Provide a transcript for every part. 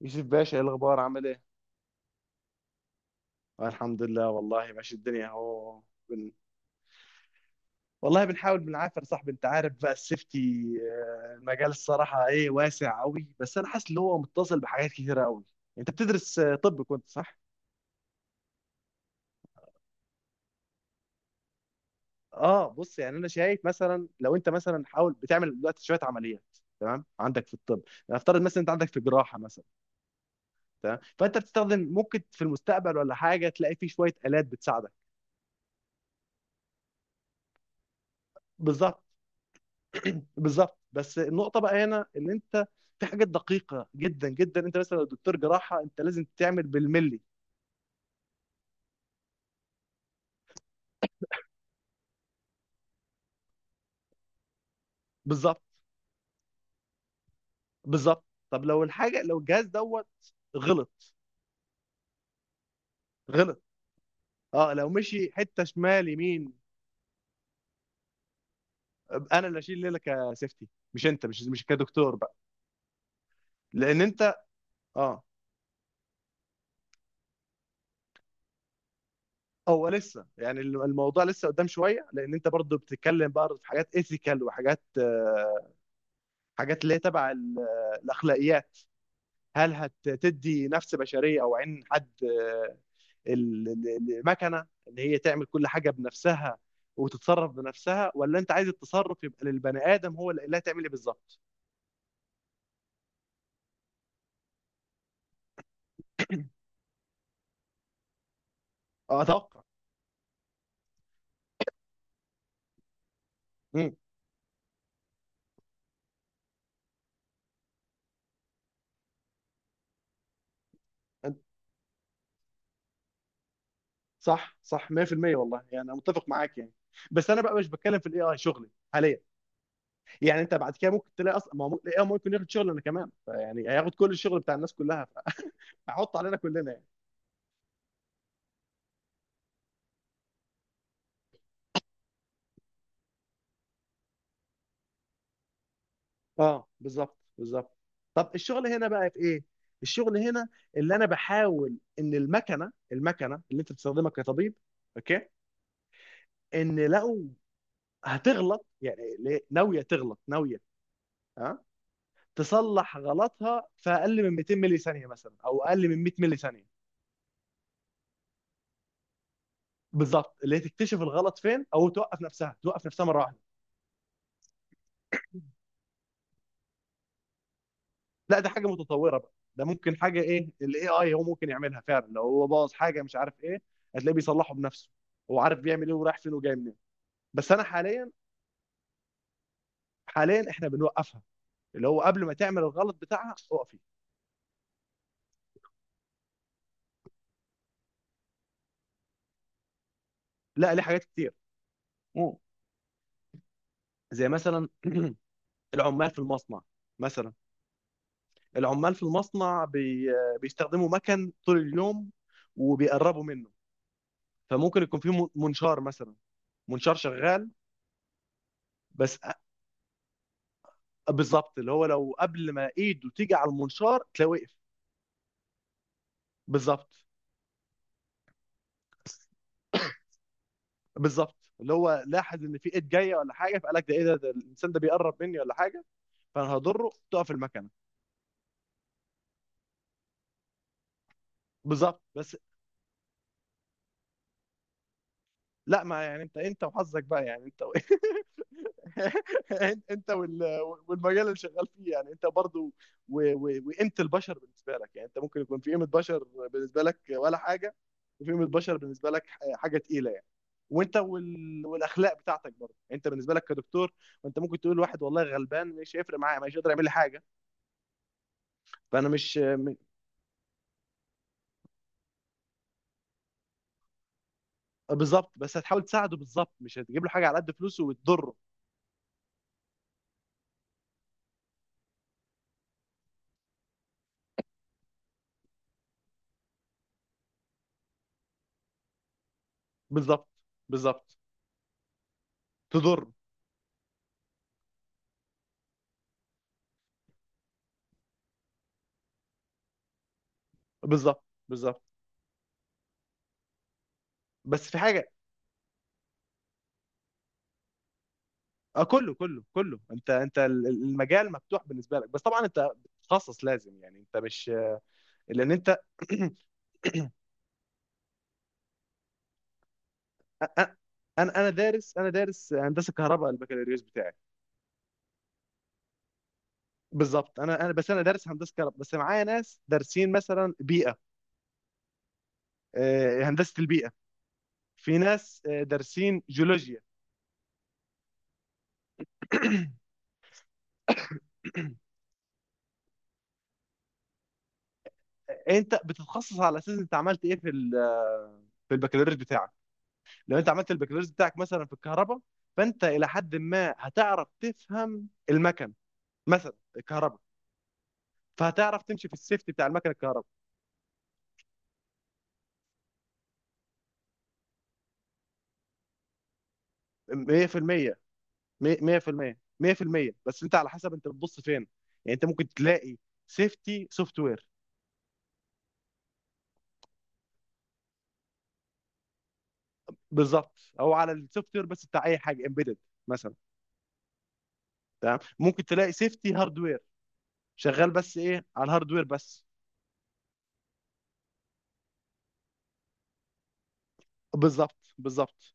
يوسف باشا ايه الاخبار عامل ايه. الحمد لله والله ماشي الدنيا اهو. بن... والله بنحاول بنعافر صاحبي، انت عارف بقى السيفتي. المجال الصراحه ايه واسع قوي، بس انا حاسس ان هو متصل بحاجات كتيره قوي. انت بتدرس طب، كنت صح؟ اه بص، يعني انا شايف مثلا لو انت مثلا حاول بتعمل دلوقتي شويه عمليات. تمام، عندك في الطب نفترض مثلا انت عندك في جراحه مثلا. تمام، فانت بتستخدم ممكن في المستقبل ولا حاجه، تلاقي في شويه الات بتساعدك. بالظبط. بالظبط بس النقطه بقى هنا ان انت في حاجات دقيقه جدا جدا، انت مثلا لو دكتور جراحه انت لازم تعمل بالملي. بالظبط. بالظبط طب لو الحاجه، لو الجهاز دوت غلط. غلط. اه لو مشي حته شمال يمين. انا اللي اشيل ليله كسيفتي، مش انت مش كدكتور بقى. لان انت. اه. هو لسه يعني الموضوع لسه قدام شويه، لان انت برضه بتتكلم بقى في حاجات ايثيكال وحاجات حاجات اللي هي تبع الاخلاقيات. هل هتدي نفس بشريه او عين حد، ال- ال- المكنه ان هي تعمل كل حاجه بنفسها وتتصرف بنفسها، ولا انت عايز التصرف يبقى للبني ادم هو اللي هتعمل ايه بالظبط. اتوقع. امم صح. صح 100%. والله يعني انا متفق معاك يعني. بس انا بقى مش بتكلم في الاي اي شغلي حاليا. يعني انت بعد كده ممكن تلاقي اصلا ما هو الاي اي ممكن ياخد شغلنا كمان، يعني هياخد كل الشغل بتاع الناس كلها، هيحط علينا كلنا يعني. اه بالظبط. بالظبط طب الشغل هنا بقى في ايه؟ الشغل هنا اللي انا بحاول ان المكنه اللي انت بتستخدمها كطبيب، اوكي، ان لو هتغلط، ناويه تغلط، ناويه ها تصلح غلطها في اقل من 200 ملي ثانيه مثلا او اقل من 100 ملي ثانيه. بالظبط اللي هي تكتشف الغلط فين، او توقف نفسها، توقف نفسها مره واحده. لا ده حاجه متطوره بقى، ده ممكن حاجه ايه الاي اي هو ممكن يعملها فعلا. لو هو باظ حاجه مش عارف ايه، هتلاقيه بيصلحه بنفسه. هو عارف بيعمل ايه ورايح فين وجاي منين. بس انا حاليا، حاليا احنا بنوقفها، اللي هو قبل ما تعمل الغلط بتاعها اقفي. لا ليه حاجات كتير. مم. زي مثلا العمال في المصنع مثلا، العمال في المصنع بيستخدموا مكن طول اليوم وبيقربوا منه، فممكن يكون في منشار مثلا، منشار شغال. بس. بالظبط اللي هو لو قبل ما ايده تيجي على المنشار تلاقيه وقف. بالظبط. بالظبط اللي هو لاحظ ان في ايد جايه ولا حاجه، فقال لك ده ايه ده، ده الانسان ده بيقرب مني ولا حاجه، فانا هضره تقف المكنه. بالظبط بس. لا ما يعني انت وحظك بقى يعني، انت انت والمجال اللي شغال فيه يعني، انت برضو وقيمه البشر بالنسبه لك، يعني انت ممكن يكون في قيمه بشر بالنسبه لك ولا حاجه، وفي قيمه بشر بالنسبه لك حاجه تقيله يعني. وانت والاخلاق بتاعتك برضه انت، بالنسبه لك كدكتور، انت ممكن تقول واحد والله غلبان مش هيفرق معايا، مش هيقدر يعمل لي حاجه، فانا مش م- بالظبط بس هتحاول تساعده. بالظبط مش هتجيب له حاجه على قد فلوسه وتضره. بالظبط. بالظبط تضره. بالظبط. بالظبط بس في حاجه. اه كله كله كله انت، انت المجال مفتوح بالنسبه لك، بس طبعا انت بتتخصص لازم يعني، انت مش، لان انت انا دارس، انا دارس هندسه كهرباء البكالوريوس بتاعي. بالظبط انا بس انا دارس هندسه كهرباء، بس معايا ناس دارسين مثلا بيئه، هندسه البيئه. في ناس دارسين جيولوجيا. انت بتتخصص على اساس انت عملت ايه في في البكالوريوس بتاعك. لو انت عملت البكالوريوس بتاعك مثلا في الكهرباء، فانت الى حد ما هتعرف تفهم المكن، مثلا الكهرباء، فهتعرف تمشي في السيفتي بتاع المكن الكهرباء. 100% 100% 100%. بس انت على حسب انت بتبص فين، يعني انت ممكن تلاقي سيفتي سوفت وير. بالظبط، او على السوفت وير بس بتاع اي حاجه امبيدد مثلا. تمام ممكن تلاقي سيفتي هاردوير، شغال بس ايه على الهاردوير بس. بالظبط. بالظبط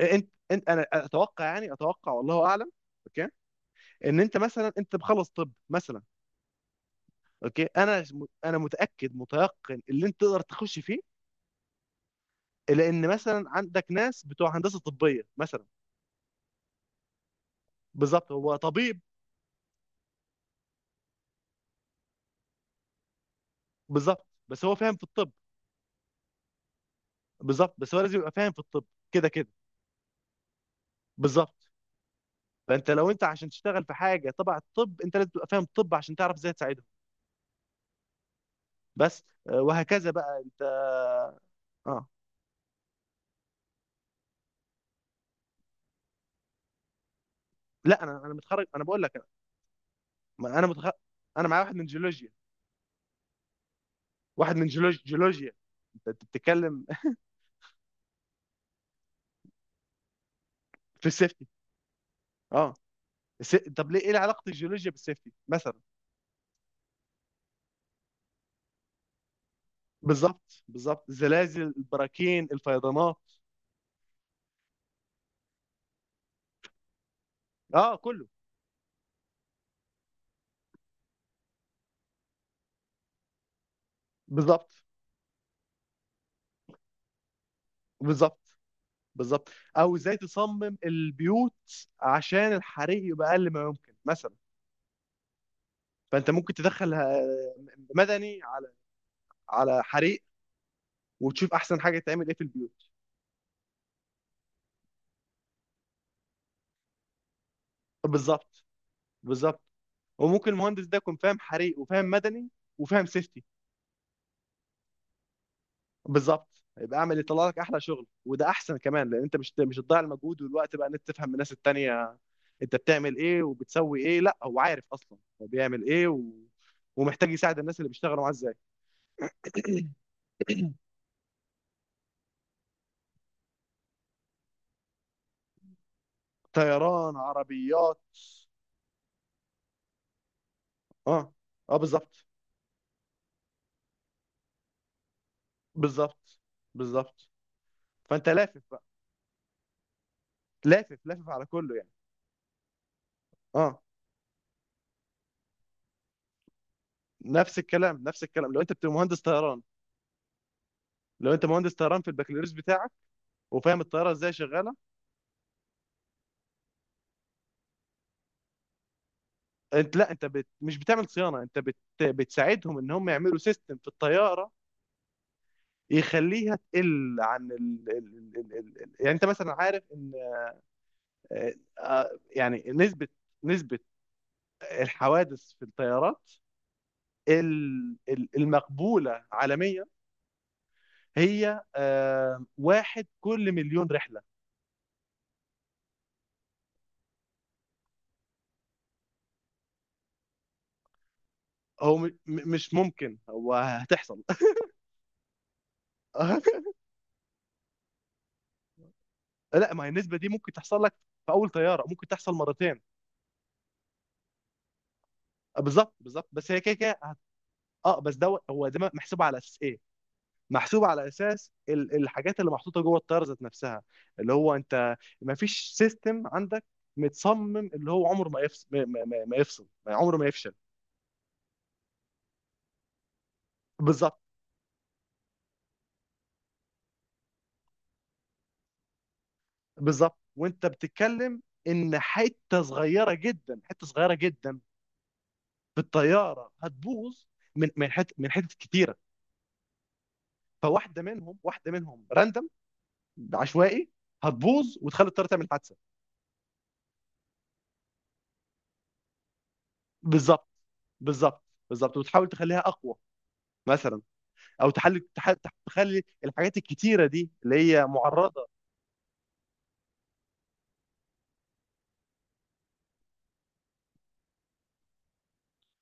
انت انا اتوقع يعني، اتوقع والله اعلم، اوكي، ان انت مثلا انت بخلص طب مثلا، اوكي، انا متاكد متيقن اللي انت تقدر تخش فيه، لان مثلا عندك ناس بتوع هندسه طبيه مثلا. بالظبط هو طبيب. بالظبط بس هو فاهم في الطب. بالظبط بس هو لازم يبقى فاهم في الطب، كده كده. بالظبط فانت لو انت عشان تشتغل في حاجه تبع الطب، انت لازم تبقى فاهم الطب عشان تعرف ازاي تساعدهم. بس وهكذا بقى انت. اه لا انا متخرج انا بقول لك. انا متخرج، انا معايا واحد من جيولوجيا، واحد من جيولوجيا. انت أنت بتتكلم. في السيفتي. اه طب ليه ايه علاقه الجيولوجيا بالسيفتي مثلا؟ بالظبط. بالظبط الزلازل البراكين الفيضانات. اه كله. بالظبط. بالظبط. بالظبط او ازاي تصمم البيوت عشان الحريق يبقى اقل ما يمكن مثلا. فانت ممكن تدخل مدني على، على حريق، وتشوف احسن حاجه تعمل ايه في البيوت. بالظبط. بالظبط وممكن المهندس ده يكون فاهم حريق، وفاهم مدني، وفاهم سيفتي. بالظبط يبقى اعمل يطلع لك احلى شغل، وده احسن كمان، لان انت مش هتضيع المجهود والوقت بقى ان انت تفهم من الناس التانية انت بتعمل ايه وبتسوي ايه، لا هو عارف اصلا هو بيعمل ايه ومحتاج يساعد الناس اللي بيشتغلوا معاه ازاي. طيران، عربيات. اه. اه بالظبط. بالظبط. بالظبط فانت لافف بقى، لافف لافف على كله يعني. اه نفس الكلام، نفس الكلام. لو انت بتبقى مهندس طيران، لو انت مهندس طيران في البكالوريوس بتاعك وفاهم الطياره ازاي شغاله. انت لا انت مش بتعمل صيانه، انت بتساعدهم ان هم يعملوا سيستم في الطياره يخليها تقل عن يعني انت مثلا عارف ان يعني نسبه، نسبه الحوادث في الطيارات، المقبوله عالميا هي 1 كل 1,000,000 رحله. هو م... م- مش ممكن، هو هتحصل. لا ما هي النسبه دي ممكن تحصل لك في اول طياره، ممكن تحصل مرتين. بالظبط. بالظبط بس هي كده كده. اه بس ده، هو ده محسوب على اساس ايه؟ محسوب على اساس الحاجات اللي محطوطه جوه الطياره ذات نفسها، اللي هو انت ما فيش سيستم عندك متصمم اللي هو عمره ما يفصل، ما يفصل، ما عمره ما يفشل. بالظبط. بالظبط وانت بتتكلم ان حته صغيره جدا، حته صغيره جدا في الطياره هتبوظ، من حته، من حتت كتيره، فواحده منهم، واحده منهم راندم، عشوائي هتبوظ وتخلي الطياره تعمل حادثه. بالظبط. بالظبط. بالظبط وتحاول تخليها اقوى مثلا، او تحلي تخلي الحاجات الكتيره دي اللي هي معرضه.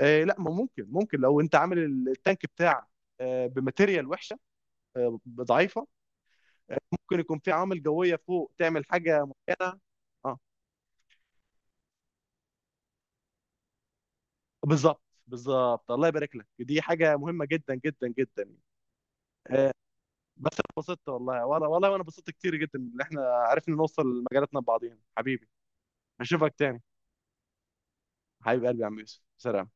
آه لا ما ممكن، ممكن لو انت عامل التانك بتاعك، آه بماتيريال وحشه، آه ضعيفه، ممكن يكون في عوامل جويه فوق تعمل حاجه معينه. اه بالظبط. بالظبط. الله يبارك لك دي حاجه مهمه جدا جدا جدا يعني. آه بس انا اتبسطت والله والله والله، وانا اتبسطت كتير جدا ان احنا عرفنا نوصل لمجالاتنا ببعضينا حبيبي. اشوفك تاني، حبيب قلبي يا عم يوسف، سلام.